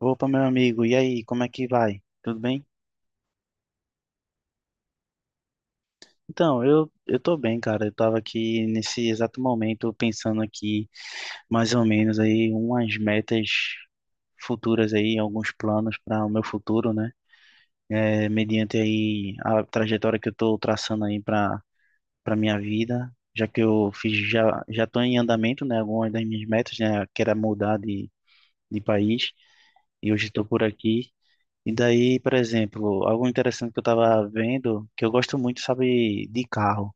Opa, meu amigo, e aí, como é que vai? Tudo bem? Então, eu tô bem, cara. Eu tava aqui nesse exato momento pensando aqui, mais ou menos, aí, umas metas futuras aí, alguns planos para o meu futuro, né? É, mediante aí a trajetória que eu tô traçando aí para minha vida, já que eu fiz já já tô em andamento, né, algumas das minhas metas, né, que era mudar de país, e hoje estou por aqui. E daí, por exemplo, algo interessante que eu tava vendo, que eu gosto muito, sabe, de carro.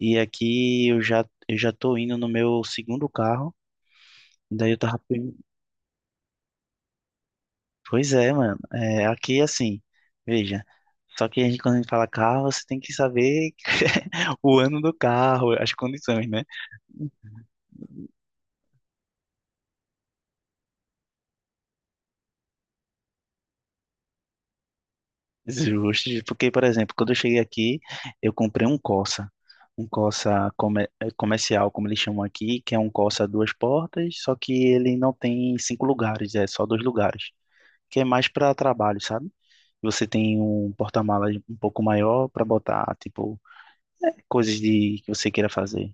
E aqui eu já tô indo no meu segundo carro. E daí eu tava. Pois é, mano. É, aqui é assim, veja. Só que a gente, quando a gente fala carro, você tem que saber o ano do carro, as condições, né? Justo, porque, por exemplo, quando eu cheguei aqui, eu comprei um Corsa, um comercial, como eles chamam aqui, que é um Corsa duas portas, só que ele não tem cinco lugares, é só dois lugares, que é mais para trabalho, sabe? Você tem um porta-malas um pouco maior para botar, tipo, coisas de que você queira fazer,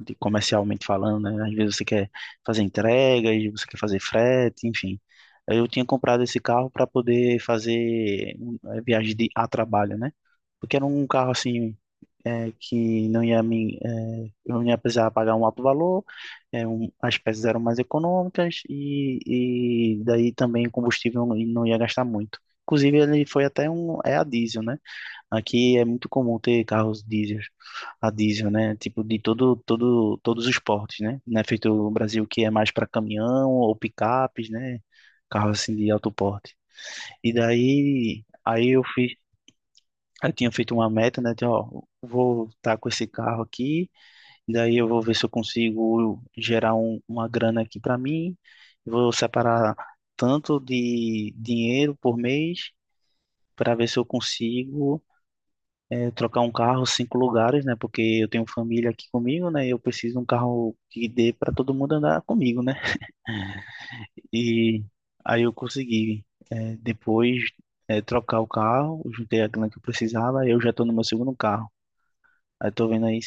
de comercialmente falando, né? Às vezes você quer fazer entregas, você quer fazer frete, enfim. Aí eu tinha comprado esse carro para poder fazer viagem de, a trabalho, né? Porque era um carro assim que não ia eu não ia precisar pagar um alto valor, as peças eram mais econômicas e daí também o combustível não, não ia gastar muito. Inclusive ele foi até um é a diesel, né? Aqui é muito comum ter carros diesel, a diesel, né? Tipo de todo, todos os portes, né? Não é feito o Brasil que é mais para caminhão ou picapes, né? Carros assim de alto porte. E daí, aí eu fiz, eu tinha feito uma meta, né? De, ó, vou estar com esse carro aqui, e daí eu vou ver se eu consigo gerar um, uma grana aqui para mim. Vou separar tanto de dinheiro por mês para ver se eu consigo é, trocar um carro cinco lugares, né? Porque eu tenho família aqui comigo, né? E eu preciso de um carro que dê para todo mundo andar comigo, né? E aí eu consegui é, depois é, trocar o carro, juntei a grana que eu precisava, e eu já estou no meu segundo carro. Aí tô vendo aí,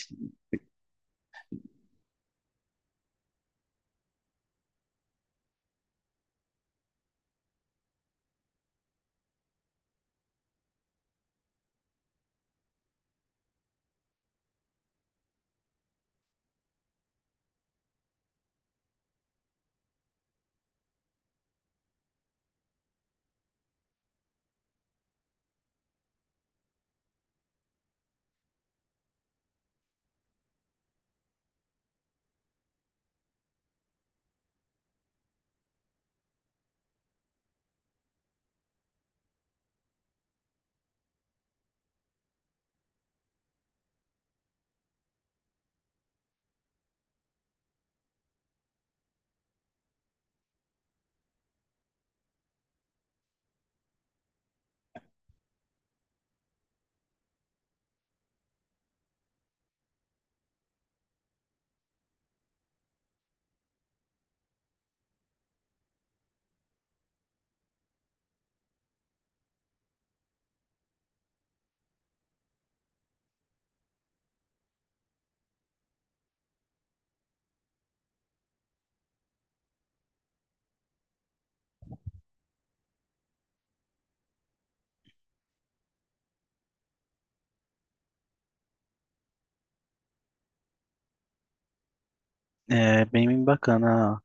é bem bacana.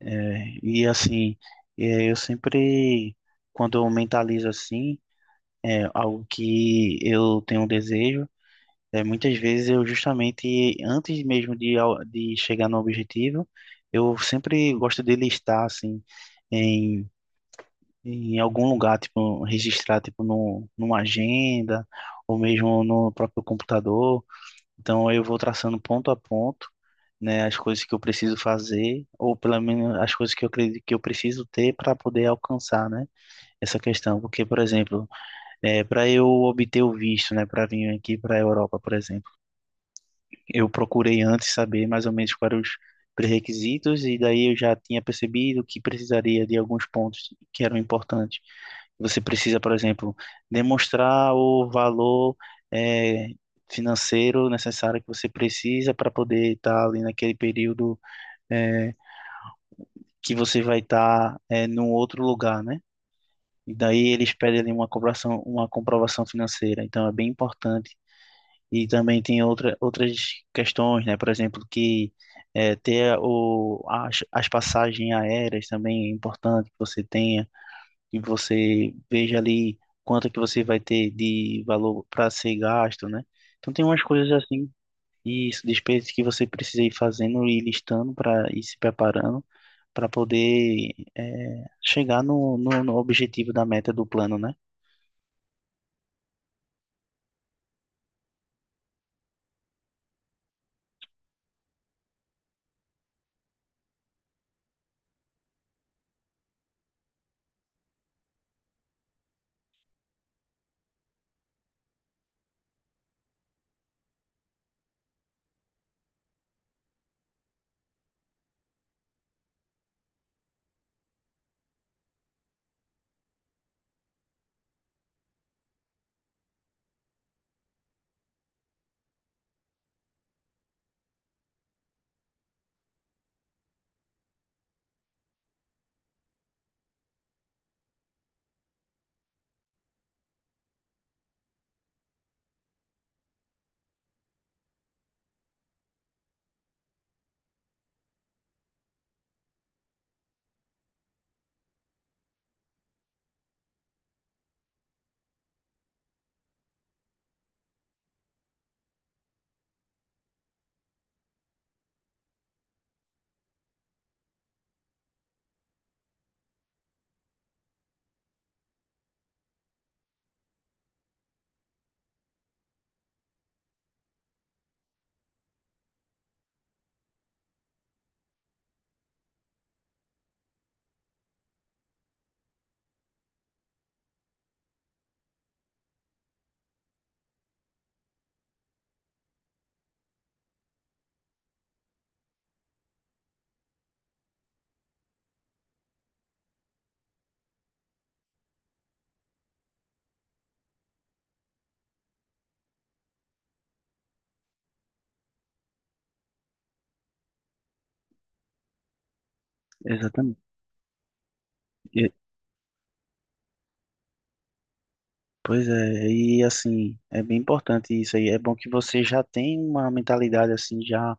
É, e assim, é, eu sempre, quando eu mentalizo assim, é algo que eu tenho um desejo. É, muitas vezes eu justamente, antes mesmo de chegar no objetivo, eu sempre gosto de listar, assim, em, em algum lugar, tipo, registrar, tipo, no, numa agenda, ou mesmo no próprio computador. Então, eu vou traçando ponto a ponto, né, as coisas que eu preciso fazer, ou pelo menos as coisas que eu acredito que eu preciso ter para poder alcançar, né, essa questão. Porque, por exemplo, é, para eu obter o visto, né, para vir aqui para a Europa, por exemplo, eu procurei antes saber mais ou menos quais eram os pré-requisitos, e daí eu já tinha percebido que precisaria de alguns pontos que eram importantes. Você precisa, por exemplo, demonstrar o valor eh, financeiro necessário que você precisa para poder estar ali naquele período eh, que você vai estar num outro lugar, né? E daí eles pedem ali uma comprovação financeira. Então é bem importante e também tem outras questões, né? Por exemplo, que é, ter as passagens aéreas também é importante que você tenha, que você veja ali quanto que você vai ter de valor para ser gasto, né? Então tem umas coisas assim, e isso, despesas que você precisa ir fazendo e listando para ir se preparando para poder é, chegar no objetivo da meta do plano, né? Exatamente. Pois é, e assim, é bem importante isso aí. É bom que você já tem uma mentalidade assim já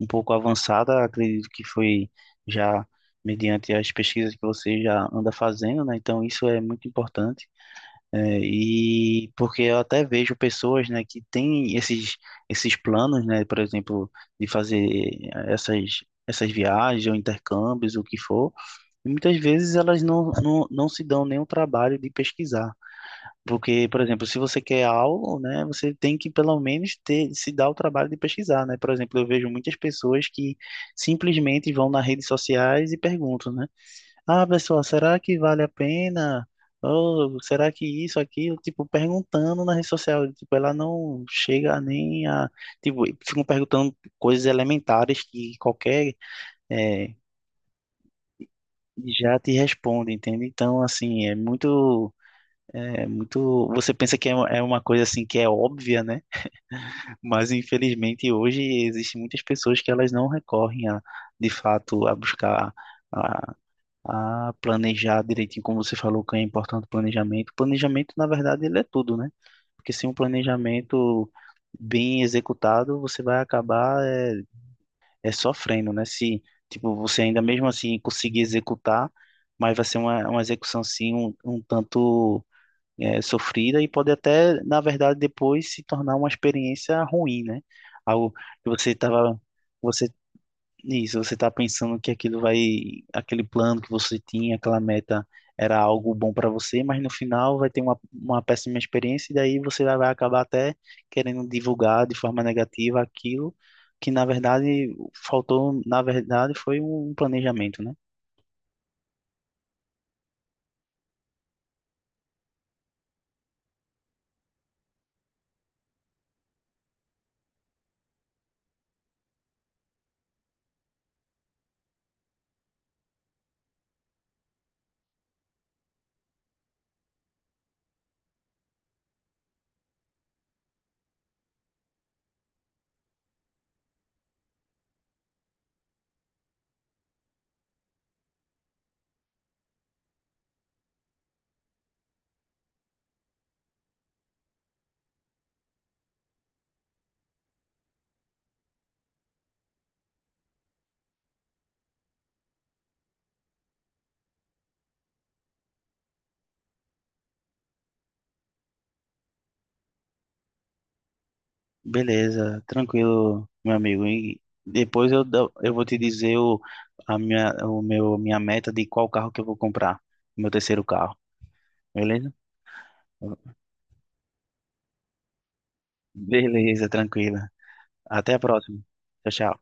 um pouco avançada, acredito que foi já mediante as pesquisas que você já anda fazendo, né? Então isso é muito importante. É, e porque eu até vejo pessoas, né, que têm esses planos, né, por exemplo, de fazer essas essas viagens ou intercâmbios, o que for, e muitas vezes elas não se dão nem o trabalho de pesquisar. Porque, por exemplo, se você quer algo, né, você tem que pelo menos ter, se dar o trabalho de pesquisar, né? Por exemplo, eu vejo muitas pessoas que simplesmente vão nas redes sociais e perguntam, né? Ah, pessoal, será que vale a pena? Ou será que isso, aquilo? Tipo, perguntando na rede social, tipo, ela não chega nem a... Tipo, ficam perguntando coisas elementares que qualquer... eh, já te responde, entende? Então, assim, é muito, você pensa que é uma coisa assim que é óbvia, né? Mas infelizmente hoje existem muitas pessoas que elas não recorrem de fato, a buscar a, a planejar direitinho, como você falou, que é importante o planejamento. O planejamento, na verdade, ele é tudo, né? Porque sem um planejamento bem executado, você vai acabar é, é sofrendo, né? Se tipo você ainda mesmo assim conseguir executar, mas vai ser uma execução assim um tanto é, sofrida e pode até, na verdade, depois se tornar uma experiência ruim, né? Algo que você estava, você, isso, você está pensando que aquilo vai, aquele plano que você tinha, aquela meta era algo bom para você, mas no final vai ter uma péssima experiência e daí você vai acabar até querendo divulgar de forma negativa aquilo que, na verdade, faltou, na verdade, foi um planejamento, né? Beleza, tranquilo, meu amigo. E depois eu vou te dizer a minha meta de qual carro que eu vou comprar. Meu terceiro carro, beleza? Beleza, tranquila. Até a próxima. Tchau, tchau.